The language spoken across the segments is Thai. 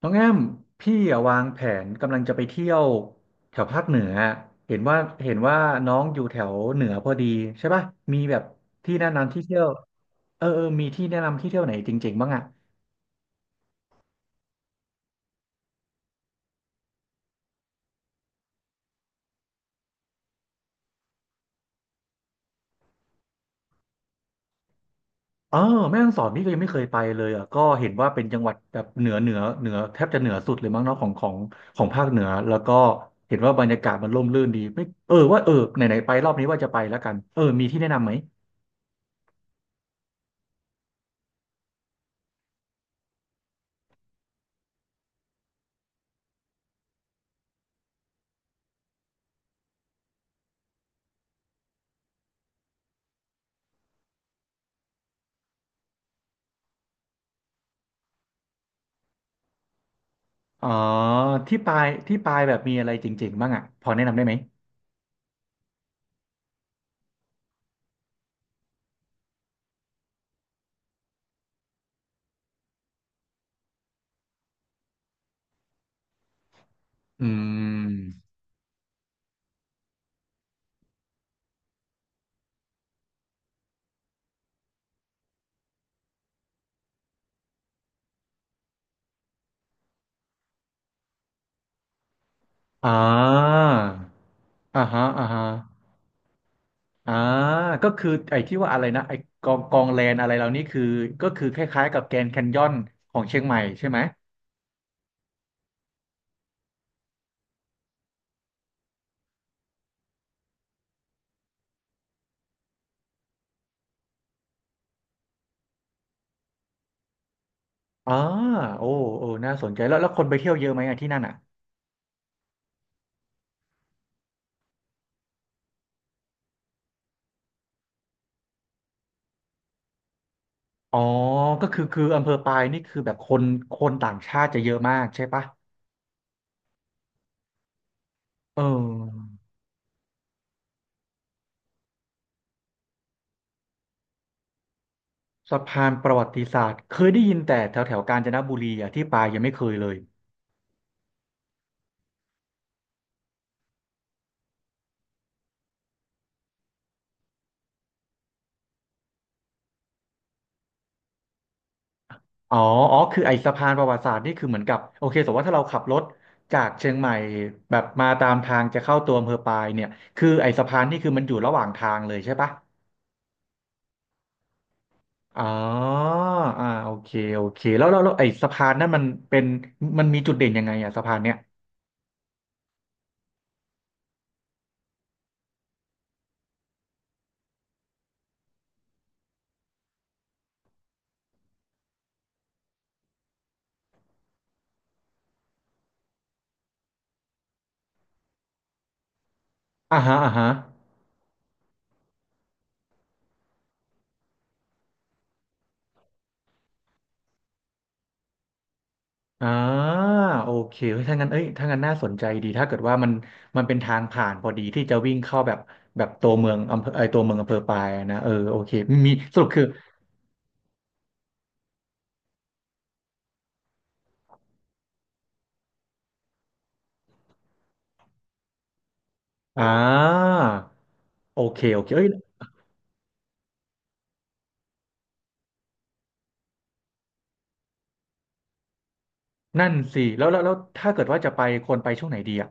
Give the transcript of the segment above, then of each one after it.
น้องแอมพี่อะวางแผนกำลังจะไปเที่ยวแถวภาคเหนือเห็นว่าเห็นว่าน้องอยู่แถวเหนือพอดีใช่ป่ะมีแบบที่แนะนำที่เที่ยวเอออมีที่แนะนำที่เที่ยวไหนจริงๆบ้างอ่ะเออแม่ฮ่องสอนนี่ก็ยังไม่เคยไปเลยอ่ะก็เห็นว่าเป็นจังหวัดแบบเหนือแทบจะเหนือสุดเลยมั้งเนาะของของภาคเหนือแล้วก็เห็นว่าบรรยากาศมันร่มรื่นดีไม่เออว่าเออไหนไหนไปรอบนี้ว่าจะไปแล้วกันเออมีที่แนะนำไหมอ๋อที่ไปที่ไปแบบมีอะไรเจ๋งๆบ้างอ่ะพอแนะนำได้ไหม อืมอ่าอ่าฮะอ่าฮะอ่าก็คือไอ้ที่ว่าอะไรนะไอ้กองแลนอะไรเหล่านี้คือก็คือคล้ายๆกับแกรนด์แคนยอนของเชียงใหม่ใช่ไหมอ่าโอ้โอ้น่าสนใจแล้วคนไปเที่ยวเยอะไหมอะที่นั่นอ่ะอ๋อก็คืออำเภอปายนี่คือแบบคนต่างชาติจะเยอะมากใช่ปะเออสะพานประวัติศาสตร์เคยได้ยินแต่แถวแถวกาญจนบุรีอ่ะที่ปายยังไม่เคยเลย อ๋ออ๋อคือไอ้สะพานประวัติศาสตร์นี่คือเหมือนกับโอเคสมมติว่าถ้าเราขับรถจากเชียงใหม่แบบมาตามทางจะเข้าตัวอำเภอปายเนี่ยคือไอ้สะพานนี่คือมันอยู่ระหว่างทางเลยใช่ปะอ๋ออ่าโอเคโอเค แล้วไอ้สะพานนั่นมันเป็นมันมีจุดเด่นยังไงอะสะพานเนี่ยอ่าฮะอ่าฮะอ่าโอเคเฮ้ยถ้างั้นเอ้ยถ้างั้นน่าสนใจดีถ้าเกิดว่ามันเป็นทางผ่านพอดีที่จะวิ่งเข้าแบบตัวเมืองอำเภอไอยตัวเมืองอำเภอปายอะนะเออโอเคมีสรุปคือ อ่าโอเคโอเคเอ้ยนั่นสิแล้วถ้าเกิดว่าจะไปควรไปช่วงไหนดีอ่ะ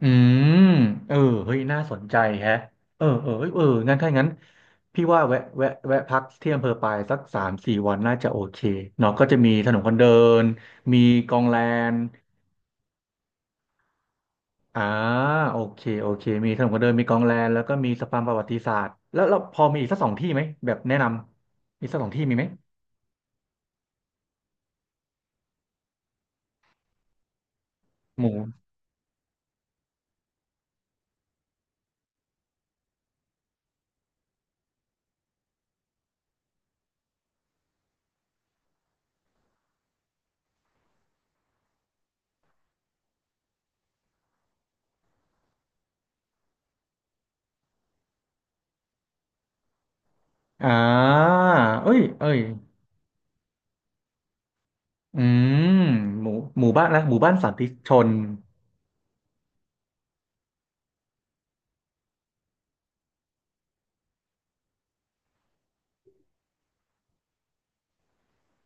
อืมเออเฮ้ยน่าสนใจแฮะเออเออเอ้ยเอองั้นถ้างั้นพี่ว่าแวะพักที่อำเภอปายสักสามสี่วันน่าจะโอเคเนาะก็จะมีถนนคนเดินมีกองแลนอ่าโอเคโอเคมีถนนคนเดินมีกองแลนแล้วก็มีสะพานประวัติศาสตร์แล้วเราพอมีอีกสักสองที่ไหมแบบแนะนำมีสักสองที่มีไหมหมูอ่าเอ้ยเอ้ย อืมหมู่หมู่บ้านนะหมู่บ้านสันติชน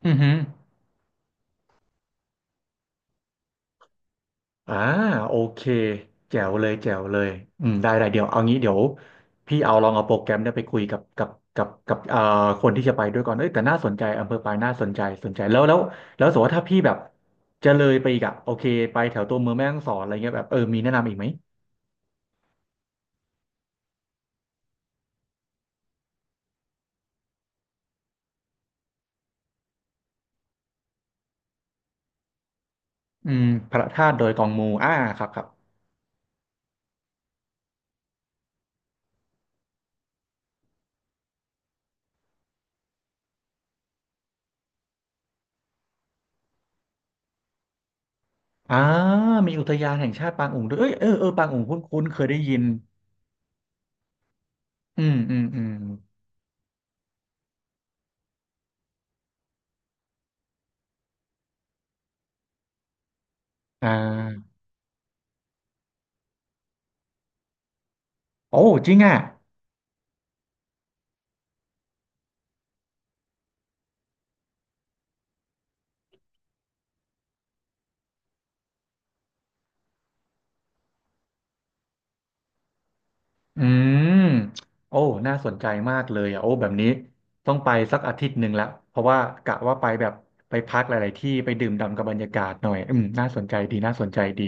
อือฮึอ่าโอเคแจ๋วเลยแจ๋วเลยอืมได้ได้เดี๋ยวเอางี้เดี๋ยวพี่เอาลองเอาโปรแกรมเนี่ยไปคุยกับคนที่จะไปด้วยก่อนเอ้ยแต่น่าสนใจอำเภอปายน่าสนใจสนใจแล้วสมมติว่าถ้าพี่แบบจะเลยไปอีกอะโอเคไปแถวตัวเมืองแม่ฮ่องสอนอะไรเงี้ยแบบเออมีแนะนำอีกไหมอืมพระธาตุดอยกองมูอ่าครับครับอ่ามีอุทยานแห่งชาติปางอุ๋งด้วยเอ้ยเออเออปางอุ๋งคุ้นคุ้นเคยได้ยินอืมอืมอืม อ่าโอ้จริงอ่ะอืมโอ้น่าสนใจมากเลยอ่ะโอ้แบบนี้ต้องไปสักอาทิตย์หนึ่งละเพราะว่ากะว่าไปแบบไปพักหลายๆที่ไปดื่มด่ำกับบรรยากาศหน่อยอืมน่าสนใจดีน่าสนใจดี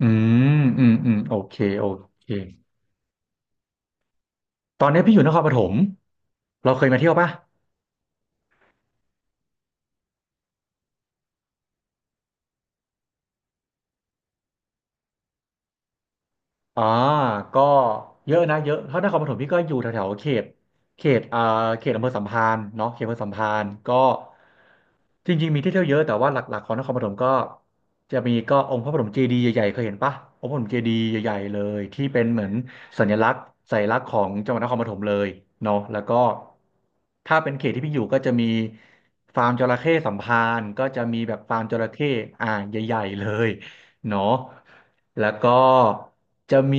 อืมอืมอืมโอเคโอเคตอนนี้พี่อยู่นครปฐมเราเคยมาเที่ยวปะ อ่าก็เยอะนะเยอะถ้านครปฐมพี่ก็อยู่แถวๆเขตอ่าเขตอำเภอสัมพันธ์เนาะเขตอำเภอสัมพันธ์ก็จริงๆมีที่เที่ยวเยอะแต่ว่าหลักๆของนครปฐมก็จะมีก็องค์พระปฐมเจดีย์ใหญ่ๆเคยเห็นปะองค์พระปฐมเจดีย์ใหญ่ๆเลยที่เป็นเหมือนสัญลักษณ์สัญลักษณ์ของจังหวัดนครปฐมเลยเนาะแล้วก็ถ้าเป็นเขตที่พี่อยู่ก็จะมีฟาร์มจระเข้สัมพันธ์ก็จะมีแบบฟาร์มจระเข้อ่าใหญ่ๆเลย เนาะแล้วก็จะมี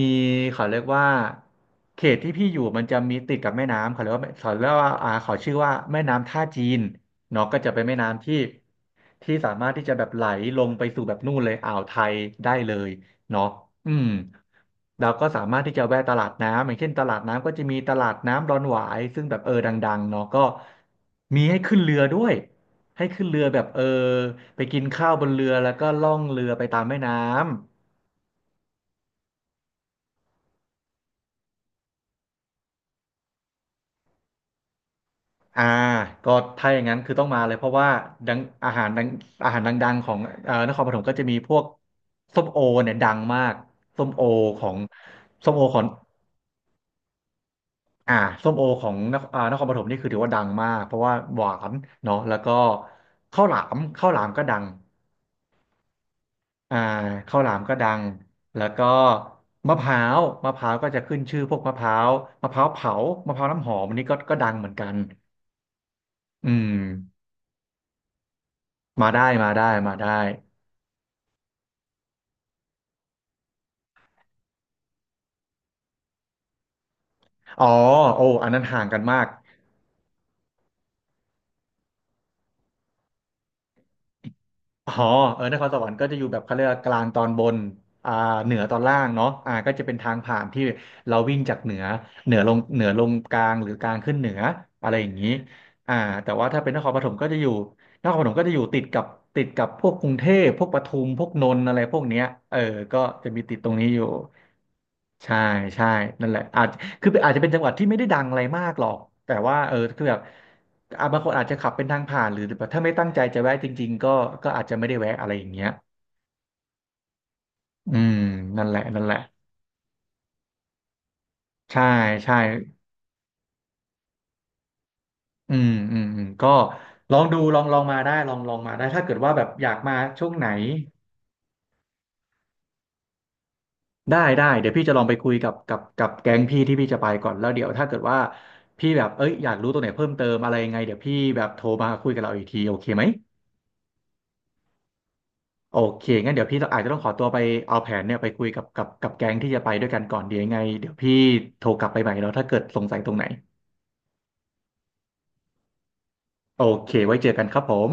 เขาเรียกว่าเขตที่พี่อยู่มันจะมีติดกับแม่น้ำเขาเรียกว่าเขาเรียกว่าอ่าเขาชื่อว่าแม่น้ำท่าจีน เนาะก็จะเป็นแม่น้ำที่ ที่สามารถที่จะแบบไหลลงไปสู่แบบนู่นเลยอ่าวไทยได้เลยเนาะอืมเราก็สามารถที่จะแวะตลาดน้ำอย่างเช่นตลาดน้ำก็จะมีตลาดน้ำดอนหวายซึ่งแบบดังๆเนาะก็มีให้ขึ้นเรือด้วยให้ขึ้นเรือแบบไปกินข้าวบนเรือแล้วก็ล่องเรือไปตามแม่น้ำก็ถ้าอย่างนั้นคือต้องมาเลยเพราะว่าดังอาหารดังอาหารดังๆของนครปฐมก็จะมีพวกส้มโอเนี่ยดังมากส้มโอของส้มโอของ อ่าส้มโอของนครนครปฐมนี่คือถือว่าดังมากเพราะว่าหวานเนาะแล้วก็ข้าวหลามข้าวหลามก็ดังอ่าข้าวหลามก็ดังแล้วก็มะพร้าวมะพร้าวก็จะขึ้นชื่อพวกมะพร้าวมะพร้าวเผามะพร้าวน้ำหอมอันนี้ก็ดังเหมือนกันอืมมาได้มาได้มาได้อ๋อโอ้อันนั้นห่างกันมาก อ๋อเออนครสวรรค์ก็จะอยู่แบบเขาเรียกว่ากลางตอนบนอ่าเหนือตอนล่างเนาะก็จะเป็นทางผ่านที่เราวิ่งจากเหนือเหนือลงเหนือลงกลางหรือกลางขึ้นเหนืออะไรอย่างนี้อ่าแต่ว่าถ้าเป็นนครปฐมก็จะอยู่นครปฐมก็จะอยู่ติดกับติดกับพวกกรุงเทพพวกปทุมพวกนนท์อะไรพวกเนี้ยเออก็จะมีติดตรงนี้อยู่ ใช่ใช่นั่นแหละอาจคืออาจจะเป็นจังหวัดที่ไม่ได้ดังอะไรมากหรอกแต่ว่าคือแบบอ่ะบางคนอาจจะขับเป็นทางผ่านหรือแบบถ้าไม่ตั้งใจจะแวะจริงๆก็ก็อาจจะไม่ได้แวะอะไรอย่างเงี้ยอืมนั่นแหละนั่นแหละใช่ใช่อืมอืมอืมก็ลองดูลองลองมาได้ลองลองมาได้ถ้าเกิดว่าแบบอยากมาช่วงไหนได้ได้เดี๋ยวพี่จะลองไปคุยกับกับแก๊งพี่ที่พี่จะไปก่อนแล้วเดี๋ยวถ้าเกิดว่าพี่แบบเอ้ยอยากรู้ตัวไหนเพิ่มเติมอะไรยังไงเดี๋ยวพี่แบบโทรมาคุยกับเราอีกทีโอเคไหม โอเคงั้นเดี๋ยวพี่ต้องอาจจะต้องขอตัวไปเอาแผนเนี่ยไปคุยกับกับแก๊งที่จะไปด้วยกันก่อนเดี๋ยวยังไงเดี๋ยวพี่โทรกลับไปใหม่เนาะถ้าเกิดสงสัยตรงไหน โอเค ไว้เจอกันครับผม